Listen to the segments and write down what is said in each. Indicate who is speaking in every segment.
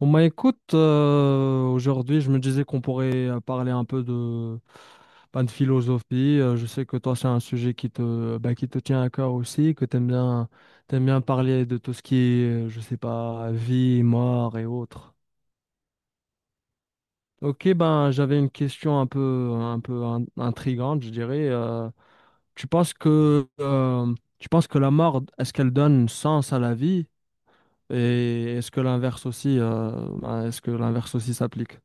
Speaker 1: Bon bah écoute, aujourd'hui je me disais qu'on pourrait parler un peu de, bah, de philosophie. Je sais que toi c'est un sujet qui te, bah, qui te tient à cœur aussi, que t'aimes bien parler de tout ce qui est, je sais pas, vie, mort et autres. Ok, ben j'avais une question un peu, intrigante, je dirais. Tu penses que, tu penses que la mort, est-ce qu'elle donne sens à la vie? Et est-ce que l'inverse aussi, ben, est-ce que l'inverse aussi s'applique?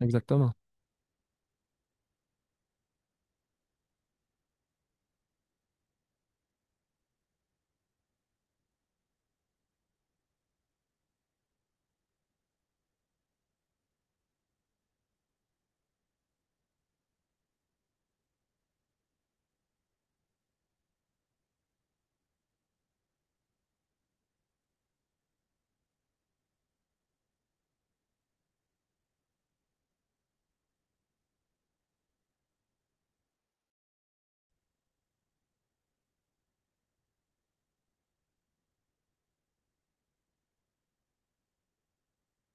Speaker 1: Exactement.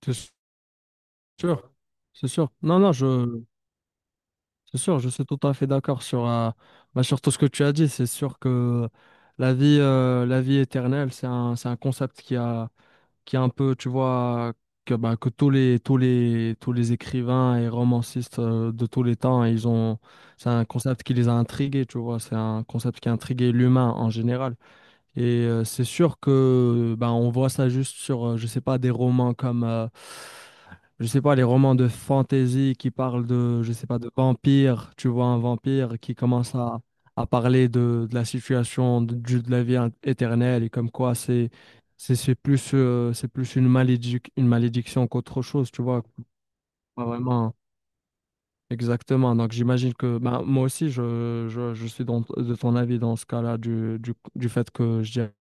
Speaker 1: C'est sûr. C'est sûr. Non, non, je, c'est sûr, je suis tout à fait d'accord sur, bah, sur tout ce que tu as dit. C'est sûr que la vie éternelle, c'est un concept qui a, qui est un peu, tu vois, que, bah, que tous les écrivains et romancistes de tous les temps, ils ont, c'est un concept qui les a intrigués, tu vois, c'est un concept qui a intrigué l'humain en général. Et c'est sûr que ben, on voit ça juste sur, je sais pas, des romans comme, je sais pas, les romans de fantasy qui parlent de, je sais pas, de vampires. Tu vois un vampire qui commence à parler de la situation de, de la éternelle et comme quoi c'est plus une une malédiction qu'autre chose. Tu vois, pas vraiment. Exactement. Donc j'imagine que ben, moi aussi je suis de ton avis dans ce cas-là du fait que je dirais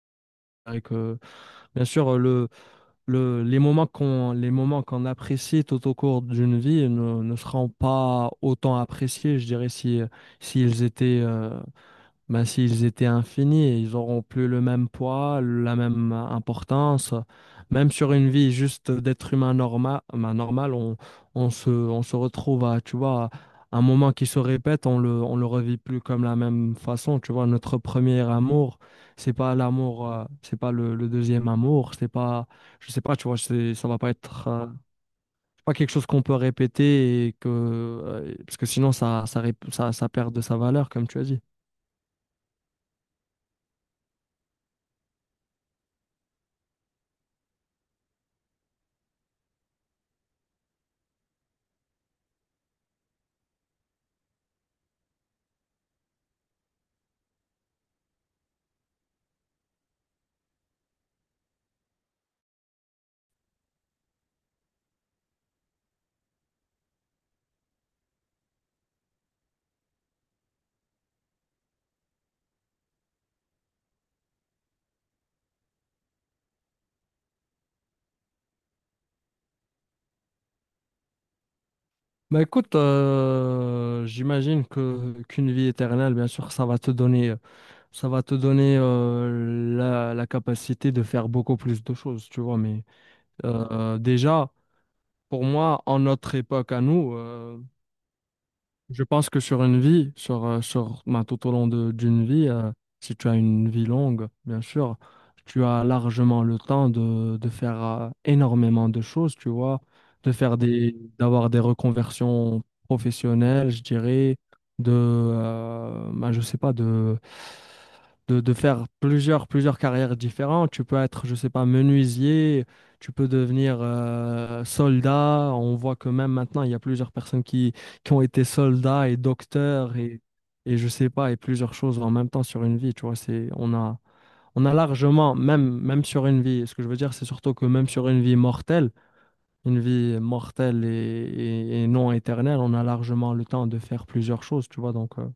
Speaker 1: que bien sûr, le, les moments qu'on apprécie tout au cours d'une vie ne, ne seront pas autant appréciés, je dirais, si, s'ils étaient, ben, s'ils étaient infinis, ils auront plus le même poids, la même importance. Même sur une vie juste d'être humain normal, normal on se retrouve à, tu vois, un moment qui se répète, on le revit plus comme la même façon. Tu vois, notre premier amour, c'est pas l'amour, c'est pas le, le deuxième amour, c'est pas, je sais pas, tu vois, c'est, ça va pas être, c'est pas quelque chose qu'on peut répéter et que, parce que sinon ça, ça, ça perd de sa valeur, comme tu as dit. Bah écoute, j'imagine que qu'une vie éternelle, bien sûr, ça va te donner, ça va te donner la, la capacité de faire beaucoup plus de choses, tu vois. Mais déjà, pour moi, en notre époque à nous, je pense que sur une vie, sur, sur, ben, tout au d'une vie, si tu as une vie longue, bien sûr, tu as largement le temps de faire énormément de choses, tu vois, de faire des, d'avoir des reconversions professionnelles, je dirais, de, ben, je sais pas, de, de faire plusieurs, plusieurs carrières différentes. Tu peux être, je sais pas, menuisier, tu peux devenir soldat. On voit que même maintenant, il y a plusieurs personnes qui ont été soldats et docteurs et je sais pas, et plusieurs choses en même temps sur une vie, tu vois, c'est, on a largement, même, même sur une vie, ce que je veux dire, c'est surtout que même sur une vie mortelle et, et non éternelle, on a largement le temps de faire plusieurs choses, tu vois, donc,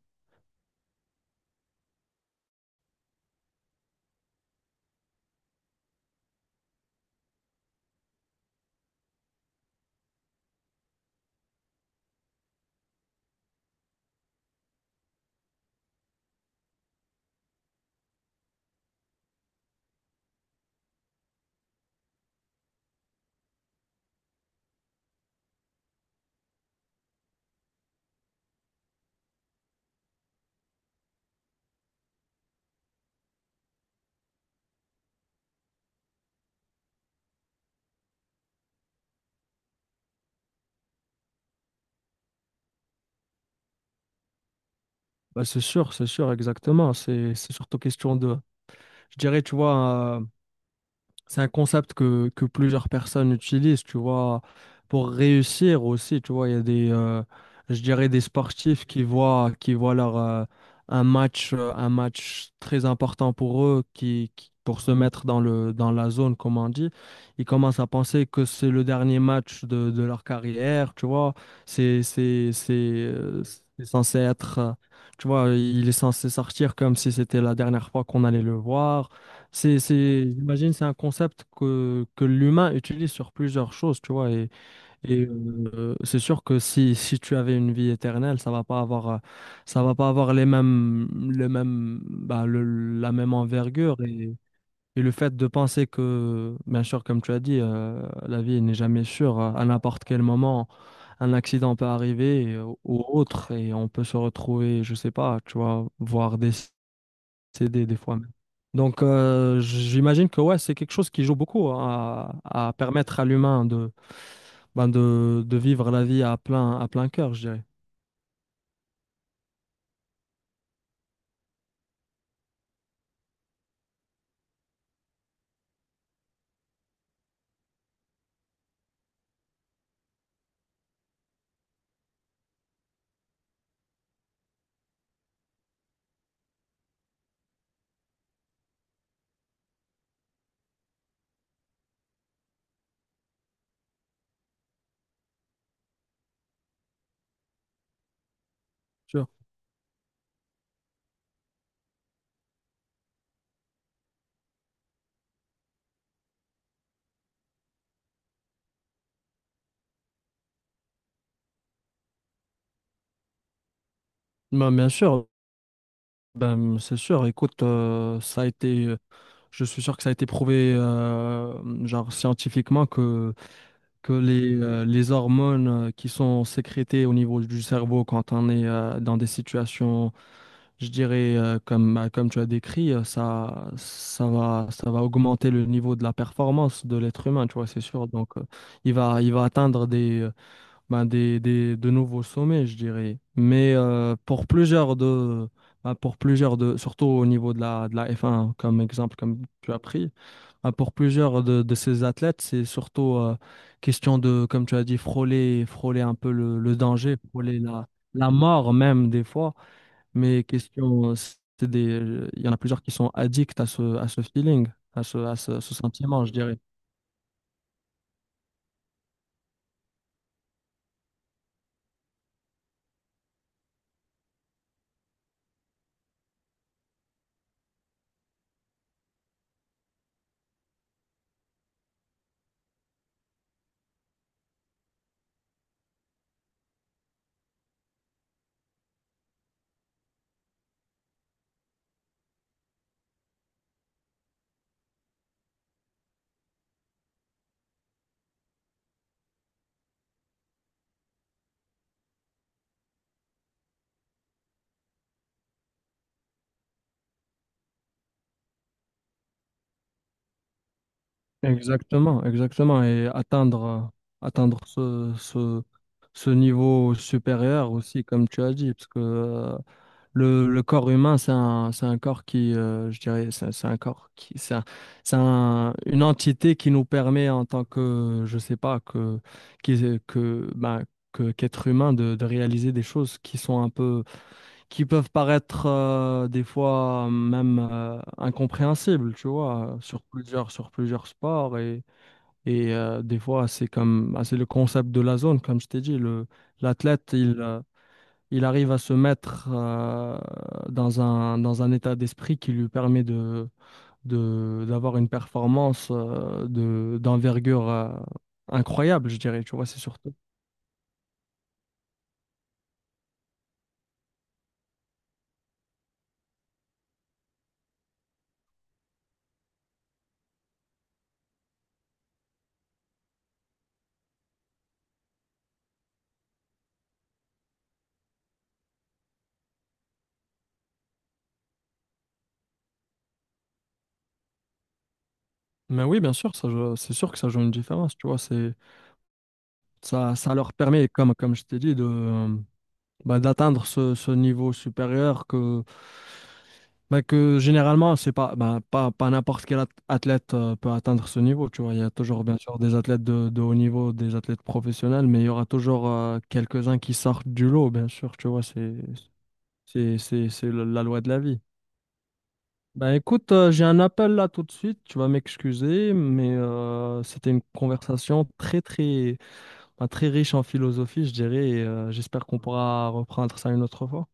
Speaker 1: bah, c'est sûr, exactement, c'est surtout question de, je dirais, tu vois, c'est un concept que plusieurs personnes utilisent, tu vois, pour réussir aussi, tu vois, il y a des, je dirais des sportifs qui voient leur, un match très important pour eux, qui, pour se mettre dans le, dans la zone, comme on dit, ils commencent à penser que c'est le dernier match de leur carrière, tu vois, c'est, c'est, c'est, euh, c'est censé être, tu vois, il est censé sortir comme si c'était la dernière fois qu'on allait le voir. C'est, j'imagine, c'est un concept que l'humain utilise sur plusieurs choses, tu vois. Et c'est sûr que si, si tu avais une vie éternelle, ça va pas avoir, ça va pas avoir les mêmes, bah, la même envergure. Et le fait de penser que, bien sûr, comme tu as dit, la vie n'est jamais sûre. À n'importe quel moment, un accident peut arriver ou autre, et on peut se retrouver, je sais pas, tu vois, voir des c'est des fois même. Donc, j'imagine que ouais, c'est quelque chose qui joue beaucoup à permettre à l'humain de, ben de vivre la vie à plein cœur, je dirais. Sûr. Ben, bien sûr, ben, c'est sûr. Écoute, ça a été, je suis sûr que ça a été prouvé genre scientifiquement que les hormones qui sont sécrétées au niveau du cerveau quand on est dans des situations, je dirais, comme, comme tu as décrit, ça, ça va augmenter le niveau de la performance de l'être humain, tu vois, c'est sûr. Donc, il va atteindre des, ben, des, de nouveaux sommets, je dirais. Mais pour plusieurs de... ben, pour plusieurs de, surtout au niveau de la F1, comme exemple, comme tu as pris, ah, pour plusieurs de ces athlètes, c'est surtout question de, comme tu as dit, frôler, frôler un peu le danger, frôler la, la mort même des fois. Mais question, c'est des, il y en a plusieurs qui sont addicts à ce feeling, à ce, ce sentiment, je dirais. Exactement, exactement. Et atteindre, atteindre ce, ce, ce niveau supérieur aussi, comme tu as dit, parce que le corps humain, c'est un corps qui, je dirais, c'est un corps qui, une entité qui nous permet en tant que, je sais pas, que, que, ben, que, qu'être humain de réaliser des choses qui sont un peu, qui peuvent paraître des fois même incompréhensibles, tu vois, sur plusieurs sports et des fois c'est comme, ben, c'est le concept de la zone, comme je t'ai dit, le, l'athlète, il arrive à se mettre dans un état d'esprit qui lui permet de, d'avoir une performance de, d'envergure incroyable, je dirais, tu vois, c'est surtout. Mais oui, bien sûr, ça, c'est sûr que ça joue une différence, tu vois, c'est, ça leur permet, comme, comme je t'ai dit, de, bah, d'atteindre ce, ce niveau supérieur que, bah, que généralement, c'est pas, bah, pas, pas n'importe quel athlète peut atteindre ce niveau, tu vois. Il y a toujours, bien sûr, des athlètes de haut niveau, des athlètes professionnels, mais il y aura toujours quelques-uns qui sortent du lot, bien sûr, tu vois. C'est la loi de la vie. Bah, écoute, j'ai un appel là tout de suite, tu vas m'excuser, mais c'était une conversation bah, très riche en philosophie, je dirais, et j'espère qu'on pourra reprendre ça une autre fois.